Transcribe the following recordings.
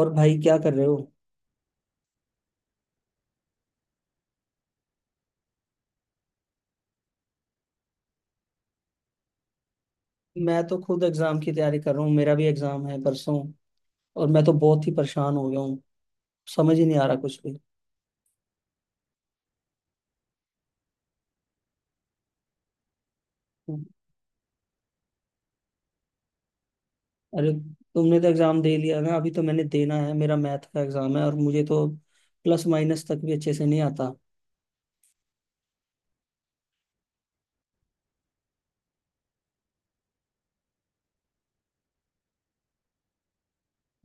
और भाई क्या कर रहे हो? मैं तो खुद एग्जाम की तैयारी कर रहा हूँ। मेरा भी एग्जाम है परसों। और मैं तो बहुत ही परेशान हो गया हूँ। समझ ही नहीं आ रहा कुछ भी। अरे, तुमने तो एग्जाम दे लिया ना, अभी तो मैंने देना है। मेरा मैथ का एग्जाम है और मुझे तो प्लस माइनस तक भी अच्छे से नहीं आता।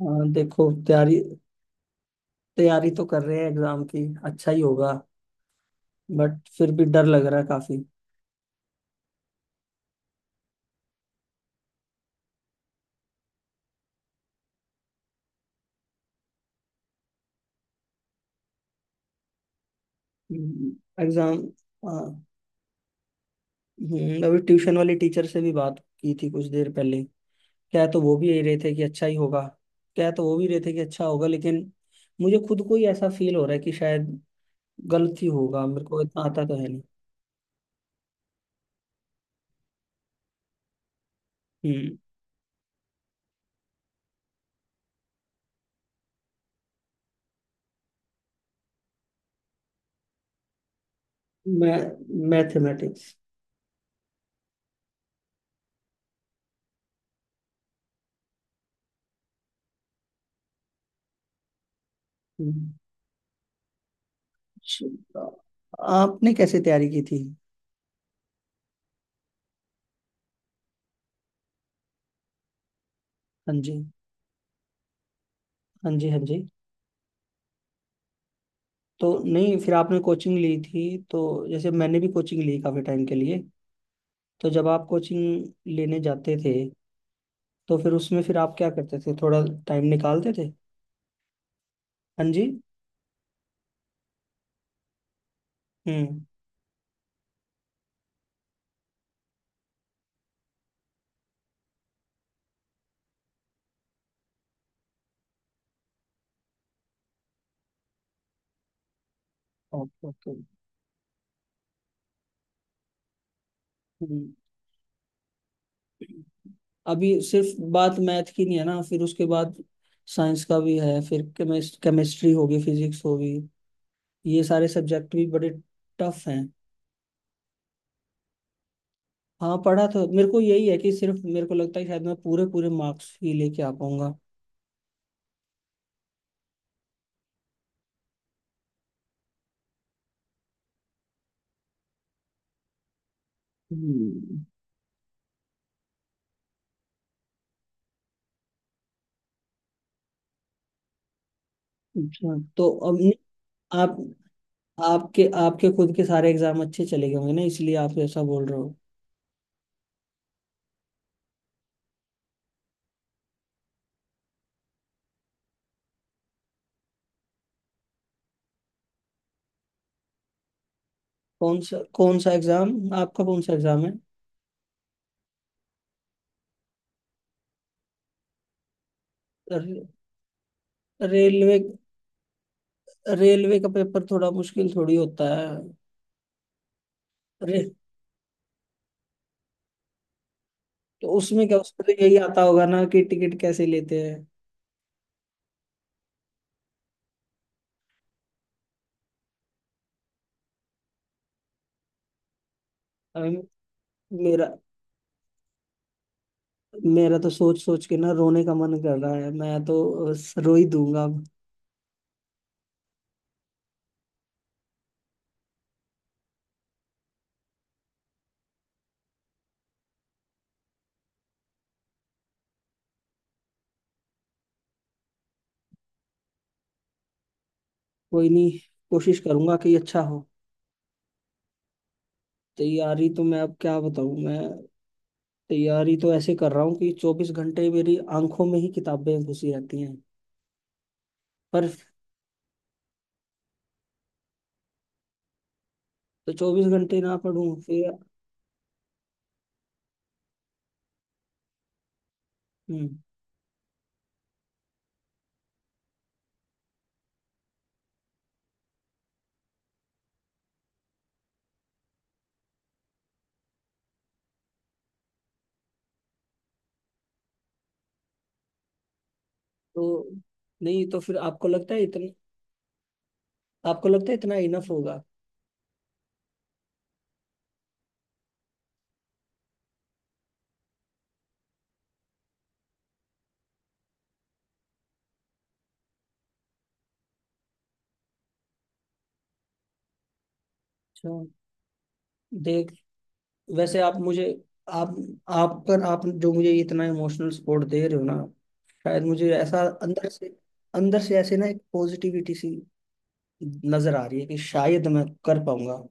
हाँ, देखो तैयारी तैयारी तो कर रहे हैं एग्जाम की, अच्छा ही होगा। बट फिर भी डर लग रहा है काफी। एग्जाम अभी ट्यूशन वाली टीचर से भी बात की थी कुछ देर पहले। क्या है तो वो भी यही रहे थे कि अच्छा ही होगा। क्या है तो वो भी रहे थे कि अच्छा होगा, लेकिन मुझे खुद को ही ऐसा फील हो रहा है कि शायद गलत ही होगा। मेरे को इतना आता तो है नहीं। हम्म। मैं मैथमेटिक्स। अच्छा, आपने कैसे तैयारी की थी? हाँ जी, हाँ जी, हाँ जी। तो नहीं, फिर आपने कोचिंग ली थी तो जैसे मैंने भी कोचिंग ली काफी टाइम के लिए। तो जब आप कोचिंग लेने जाते थे तो फिर उसमें फिर आप क्या करते थे, थोड़ा टाइम निकालते थे? हाँ जी। हम्म। Okay, okay. हम्म। अभी सिर्फ बात मैथ की नहीं है ना, फिर उसके बाद साइंस का भी है, फिर केमिस्ट्री होगी, फिजिक्स होगी। ये सारे सब्जेक्ट भी बड़े टफ हैं। हाँ, पढ़ा तो मेरे को यही है कि सिर्फ मेरे को लगता है कि शायद मैं पूरे पूरे मार्क्स ही लेके आ पाऊंगा। हम्म, अच्छा, तो अब नहीं, आप, आपके आपके खुद के सारे एग्जाम अच्छे चले गए होंगे ना, इसलिए आप ऐसा बोल रहे हो। कौन सा एग्जाम आपका? कौन सा एग्जाम है? रे- रेलवे। रेलवे का पेपर थोड़ा मुश्किल थोड़ी होता है। रे, तो उसमें क्या उसको तो यही आता होगा ना कि टिकट कैसे लेते हैं। अभी मेरा मेरा तो सोच सोच के ना रोने का मन कर रहा है। मैं तो रो ही दूंगा अब। कोई नहीं, कोशिश करूंगा कि अच्छा हो। तैयारी तो मैं अब क्या बताऊं। मैं तैयारी तो ऐसे कर रहा हूँ कि 24 घंटे मेरी आंखों में ही किताबें घुसी रहती हैं। पर तो 24 घंटे ना पढ़ूं फिर? हम्म। तो नहीं, तो फिर आपको लगता है इतना, आपको लगता है इतना इनफ होगा? अच्छा। देख, वैसे आप मुझे, आप आप जो मुझे इतना इमोशनल सपोर्ट दे रहे हो ना, शायद मुझे ऐसा अंदर से ऐसे ना एक पॉजिटिविटी सी नजर आ रही है कि शायद मैं कर पाऊंगा।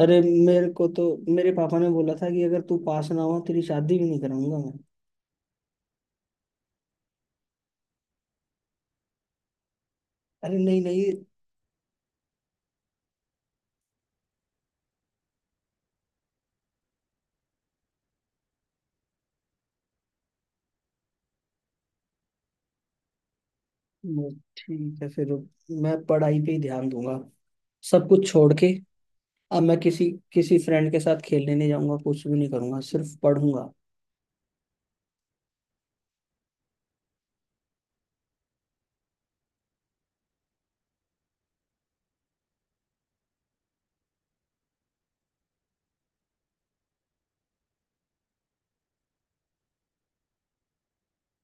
अरे, मेरे को तो, मेरे पापा ने बोला था कि अगर तू पास ना हो तेरी शादी भी नहीं कराऊंगा मैं। अरे नहीं नहीं। ठीक है फिर, मैं पढ़ाई पे ही ध्यान दूंगा, सब कुछ छोड़ के। अब मैं किसी किसी फ्रेंड के साथ खेलने नहीं जाऊंगा, कुछ भी नहीं करूंगा, सिर्फ पढ़ूंगा।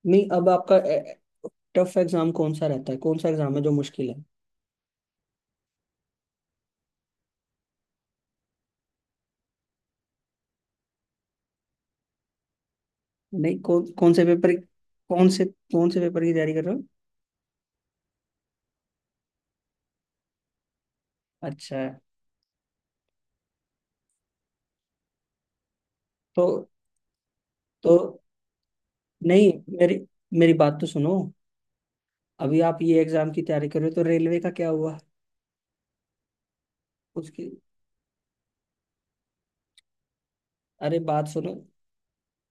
नहीं, अब आपका टफ एग्जाम कौन सा रहता है? कौन सा एग्जाम है जो मुश्किल है? नहीं, कौन कौन से पेपर, कौन से पेपर की तैयारी कर रहे हो? अच्छा। तो तो नहीं, मेरी मेरी बात तो सुनो। अभी आप ये एग्जाम की तैयारी कर रहे हो तो रेलवे का क्या हुआ उसकी? अरे बात सुनो,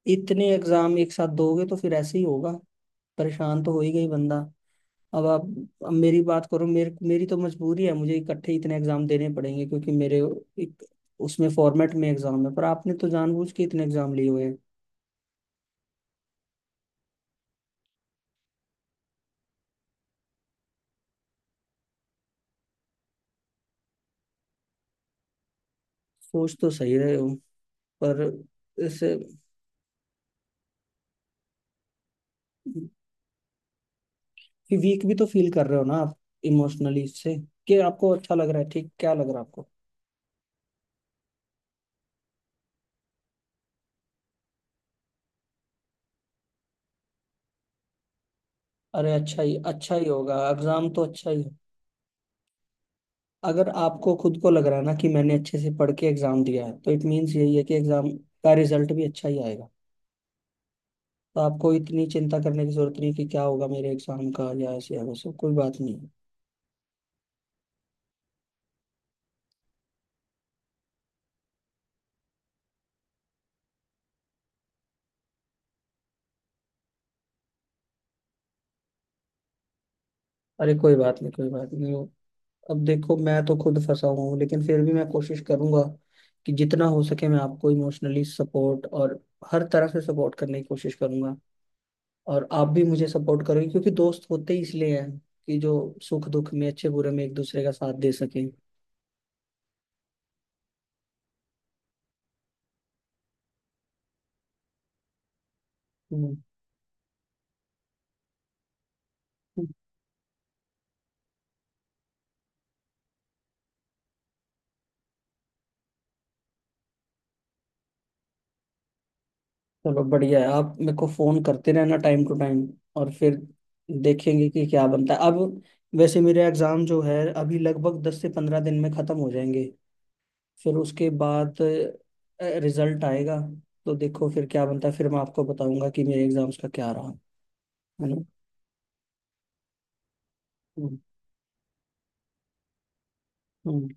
इतने एग्जाम एक साथ दोगे तो फिर ऐसे ही होगा, परेशान तो हो ही गई बंदा। अब आप, अब मेरी बात करो मेरे, मेरी तो मजबूरी है, मुझे इकट्ठे इतने एग्जाम देने पड़ेंगे क्योंकि मेरे एक उसमें फॉर्मेट में एग्जाम है, पर आपने तो जानबूझ के इतने एग्जाम लिए हुए हैं। सोच तो सही रहे हो, पर इससे वीक भी तो फील कर रहे हो ना आप इमोशनली इससे? कि आपको अच्छा लग रहा है, ठीक, क्या लग रहा है आपको? अरे, अच्छा ही होगा एग्जाम, तो अच्छा ही है। अगर आपको खुद को लग रहा है ना कि मैंने अच्छे से पढ़ के एग्जाम दिया है तो इट मीन्स यही है कि एग्जाम का रिजल्ट भी अच्छा ही आएगा। तो आपको इतनी चिंता करने की जरूरत नहीं कि क्या होगा मेरे एग्जाम का या ऐसे या वैसे, कोई बात नहीं है। अरे कोई बात नहीं, कोई बात नहीं। अब देखो, मैं तो खुद फंसा हुआ हूँ लेकिन फिर भी मैं कोशिश करूंगा कि जितना हो सके मैं आपको इमोशनली सपोर्ट और हर तरह से सपोर्ट करने की कोशिश करूंगा। और आप भी मुझे सपोर्ट करोगे क्योंकि दोस्त होते ही इसलिए हैं कि जो सुख दुख में, अच्छे बुरे में एक दूसरे का साथ दे सकें। हम्म। चलो बढ़िया है, आप मेरे को फोन करते रहना टाइम टू टाइम और फिर देखेंगे कि क्या बनता है अब। वैसे मेरे एग्जाम जो है अभी लगभग 10 से 15 दिन में खत्म हो जाएंगे, फिर उसके बाद रिजल्ट आएगा। तो देखो फिर क्या बनता है, फिर मैं आपको बताऊंगा कि मेरे एग्जाम्स का क्या रहा है ना। हम्म, हम्म।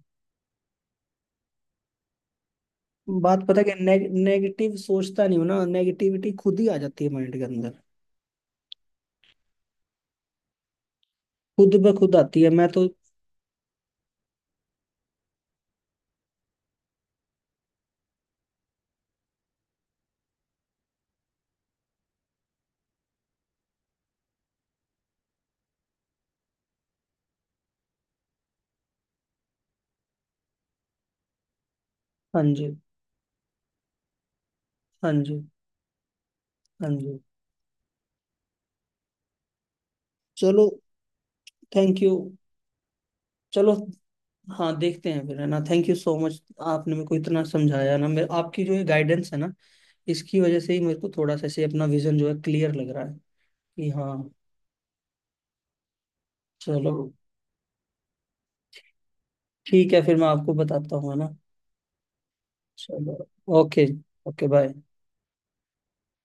बात पता है कि नेगेटिव सोचता नहीं हूं ना, नेगेटिविटी खुद ही आ जाती है माइंड के अंदर, खुद ब खुद आती है मैं तो। हाँ जी, हाँ जी, हाँ जी। चलो, थैंक यू। चलो, हाँ देखते हैं फिर है ना, थैंक यू सो मच, आपने मेरे को इतना समझाया ना। मेरे आपकी जो ये गाइडेंस है ना, इसकी वजह से ही मेरे को थोड़ा सा ऐसे अपना विजन जो है क्लियर लग रहा है कि हाँ। चलो ठीक है, फिर मैं आपको बताता हूँ है ना। चलो। ओके। Okay, bye.